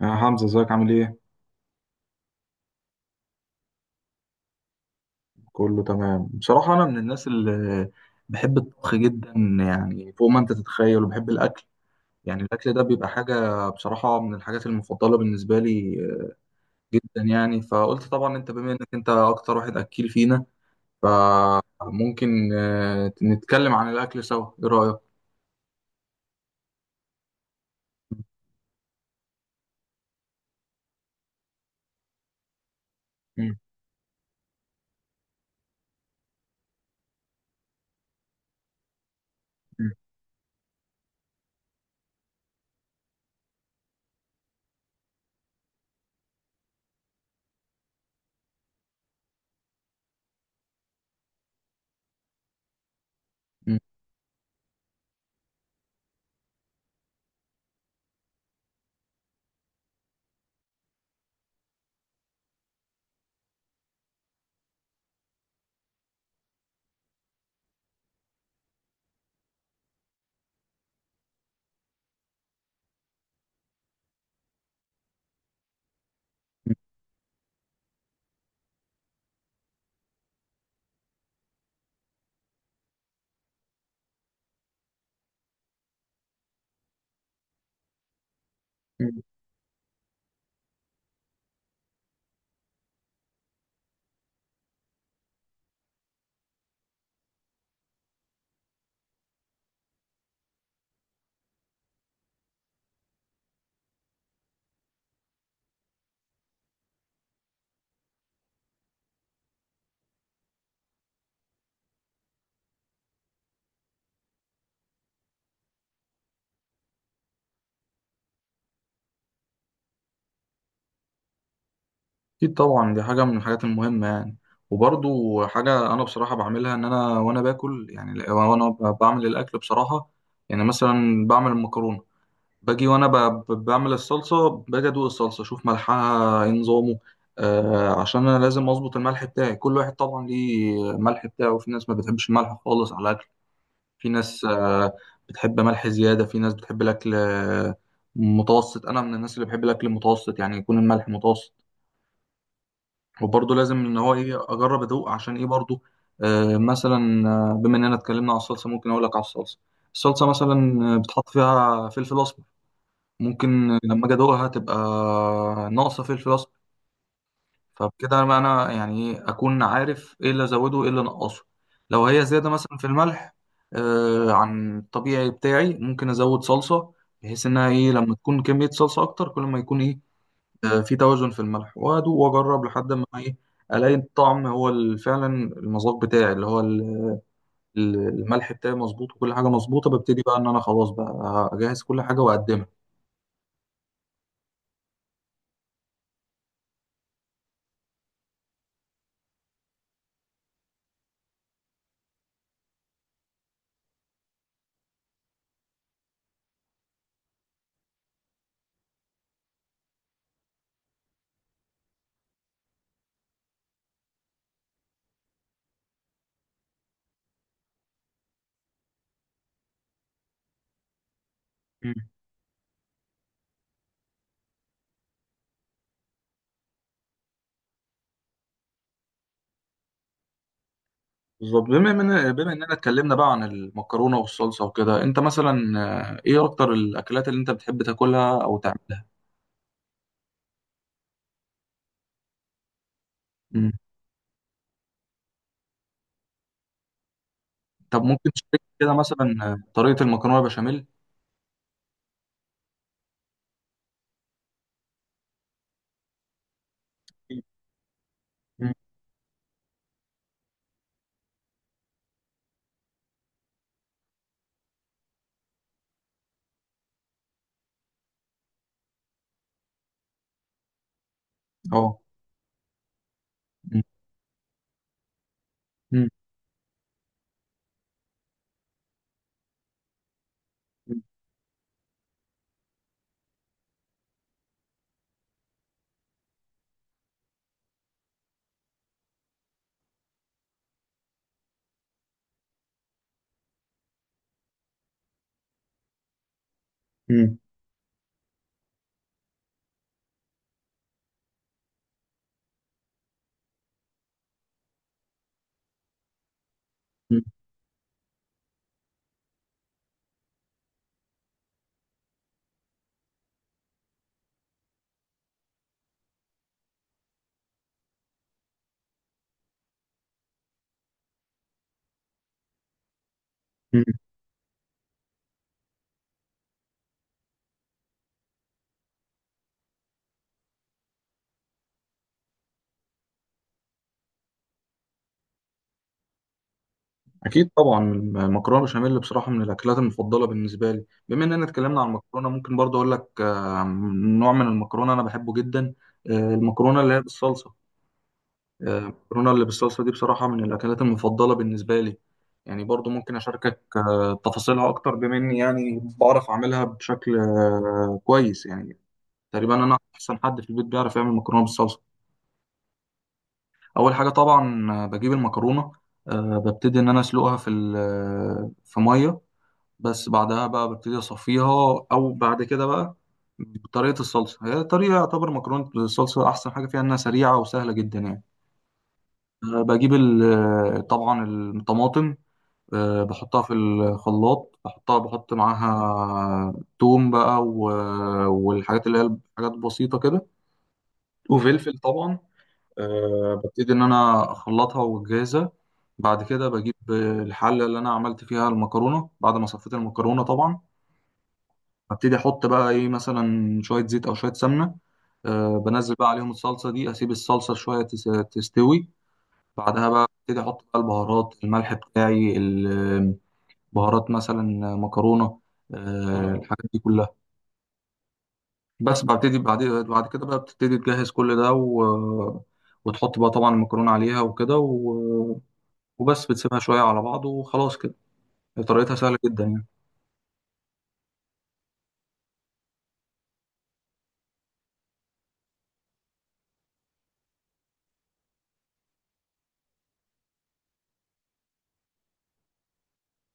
يا حمزة ازيك عامل ايه؟ كله تمام بصراحة، أنا من الناس اللي بحب الطبخ جدا يعني فوق ما أنت تتخيل، وبحب الأكل يعني الأكل ده بيبقى حاجة بصراحة من الحاجات المفضلة بالنسبة لي جدا. يعني فقلت طبعا أنت بما إنك أنت أكتر واحد أكيل فينا، فممكن نتكلم عن الأكل سوا. إيه رأيك؟ مم. مم. مم. أكيد طبعا، دي حاجة من الحاجات المهمة يعني، وبرضو حاجة أنا بصراحة بعملها. إن أنا وأنا باكل يعني وأنا بعمل الأكل بصراحة. يعني مثلا بعمل المكرونة باجي وأنا بعمل الصلصة، باجي أدوق الصلصة أشوف ملحها إيه نظامه. عشان أنا لازم أظبط الملح بتاعي، كل واحد طبعا ليه ملح بتاعه. في ناس ما بتحبش الملح خالص على الأكل، في ناس بتحب ملح زيادة، في ناس بتحب الأكل متوسط. أنا من الناس اللي بحب الأكل المتوسط يعني يكون الملح متوسط. وبرضه لازم ان هو ايه اجرب ادوق عشان ايه برضه مثلا. بما اننا اتكلمنا على الصلصه ممكن اقول لك على الصلصه. الصلصه مثلا بتحط فيها فلفل اسمر، ممكن لما اجي ادوقها تبقى ناقصه فلفل اسمر. فبكده انا يعني ايه اكون عارف ايه اللي ازوده وايه اللي انقصه. لو هي زياده مثلا في الملح عن الطبيعي بتاعي ممكن ازود صلصه، بحيث انها ايه لما تكون كميه صلصه اكتر كل ما يكون ايه في توازن في الملح. وادوق واجرب لحد ما ايه الاقي الطعم هو فعلا المذاق بتاعي، اللي هو الملح بتاعي مظبوط، وكل حاجه مظبوطه. ببتدي بقى ان انا خلاص بقى اجهز كل حاجه واقدمها. مم. بالظبط. بما اننا اتكلمنا بقى عن المكرونه والصلصه وكده، انت مثلا ايه اكتر الاكلات اللي انت بتحب تاكلها او تعملها؟ مم. طب ممكن تشارك كده مثلا طريقه المكرونه بشاميل؟ مم. اه. مم. مم. مم. مم. اكيد طبعا المكرونه بشاميل بصراحه من الاكلات المفضله بالنسبه لي. بما اننا اتكلمنا عن المكرونه ممكن برضه اقول لك نوع من المكرونه انا بحبه جدا. المكرونه اللي هي بالصلصه. المكرونه اللي بالصلصه دي بصراحه من الاكلات المفضله بالنسبه لي. يعني برضه ممكن اشاركك تفاصيلها اكتر، بما اني يعني بعرف اعملها بشكل كويس يعني. تقريبا انا احسن حد في البيت بيعرف يعمل مكرونه بالصلصه. اول حاجه طبعا بجيب المكرونه. ببتدي ان انا اسلقها في في ميه. بس بعدها بقى ببتدي اصفيها، او بعد كده بقى بطريقه الصلصه. هي طريقه يعتبر مكرونه الصلصه احسن حاجه فيها انها سريعه وسهله جدا يعني. بجيب طبعا الطماطم. بحطها في الخلاط، بحطها بحط معاها توم بقى والحاجات اللي هي حاجات بسيطه كده، وفلفل طبعا. ببتدي ان انا اخلطها واجهزها. بعد كده بجيب الحله اللي انا عملت فيها المكرونه بعد ما صفيت المكرونه طبعا. هبتدي احط بقى ايه مثلا شويه زيت او شويه سمنه. بنزل بقى عليهم الصلصه دي، اسيب الصلصه شويه تستوي. بعدها بقى ابتدي احط بقى البهارات، الملح بتاعي، البهارات مثلا، مكرونه، الحاجات دي كلها. بس ببتدي بعد كده بقى بتبتدي تجهز كل ده، و... وتحط بقى طبعا المكرونه عليها وكده، و... وبس بتسيبها شويه على بعض وخلاص كده. طريقتها سهله جدا يعني.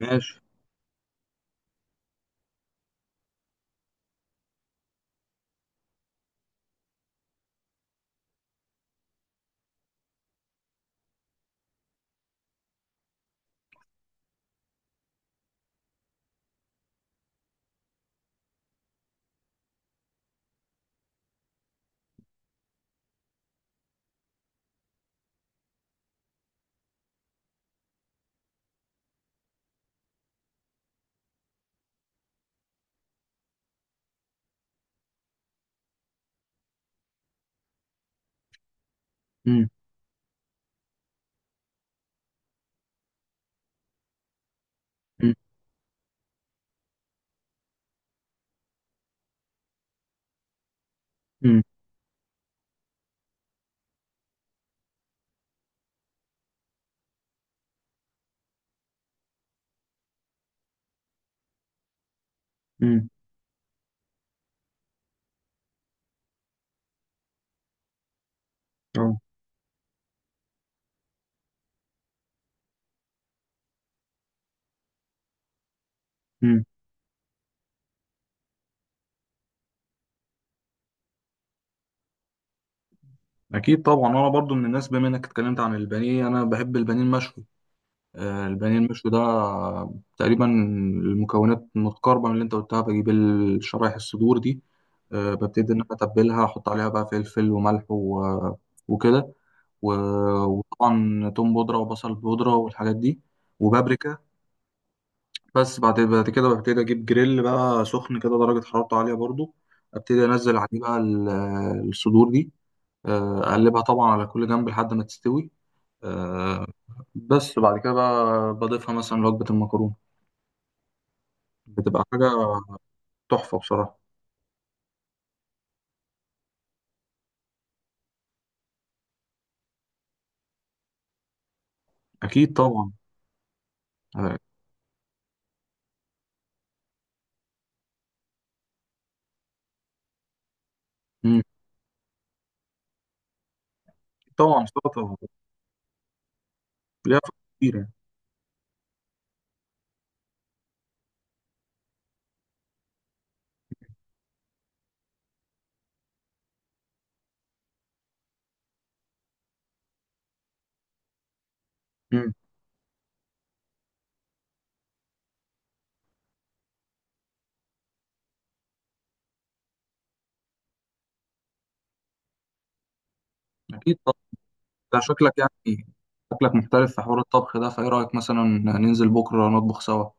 ماشي. امم. امم. امم. اكيد طبعا انا برضو من الناس، بما انك اتكلمت عن البانيه، انا بحب البانيه المشوي. البانيه المشوي ده تقريبا المكونات متقاربه من اللي انت قلتها. بجيب الشرايح، الصدور دي ببتدي ان انا اتبلها، احط عليها بقى فلفل وملح وكده و- وطبعا توم بودره وبصل بودره والحاجات دي وبابريكا. بس بعد كده ببتدي اجيب جريل بقى سخن كده درجه حرارته عاليه برضو، ابتدي انزل عليه بقى الصدور دي. اقلبها طبعا على كل جنب لحد ما تستوي. آه، بس بعد كده بقى بضيفها مثلا وجبة المكرونة، بتبقى حاجة تحفة بصراحة. أكيد طبعا. آه، مم. طبعا سلطة ليها فوائد كتير يعني. مم. أكيد طبعا. أنت شكلك يعني، شكلك محترف في حوار الطبخ ده، فإيه رأيك مثلا ننزل بكرة نطبخ سوا؟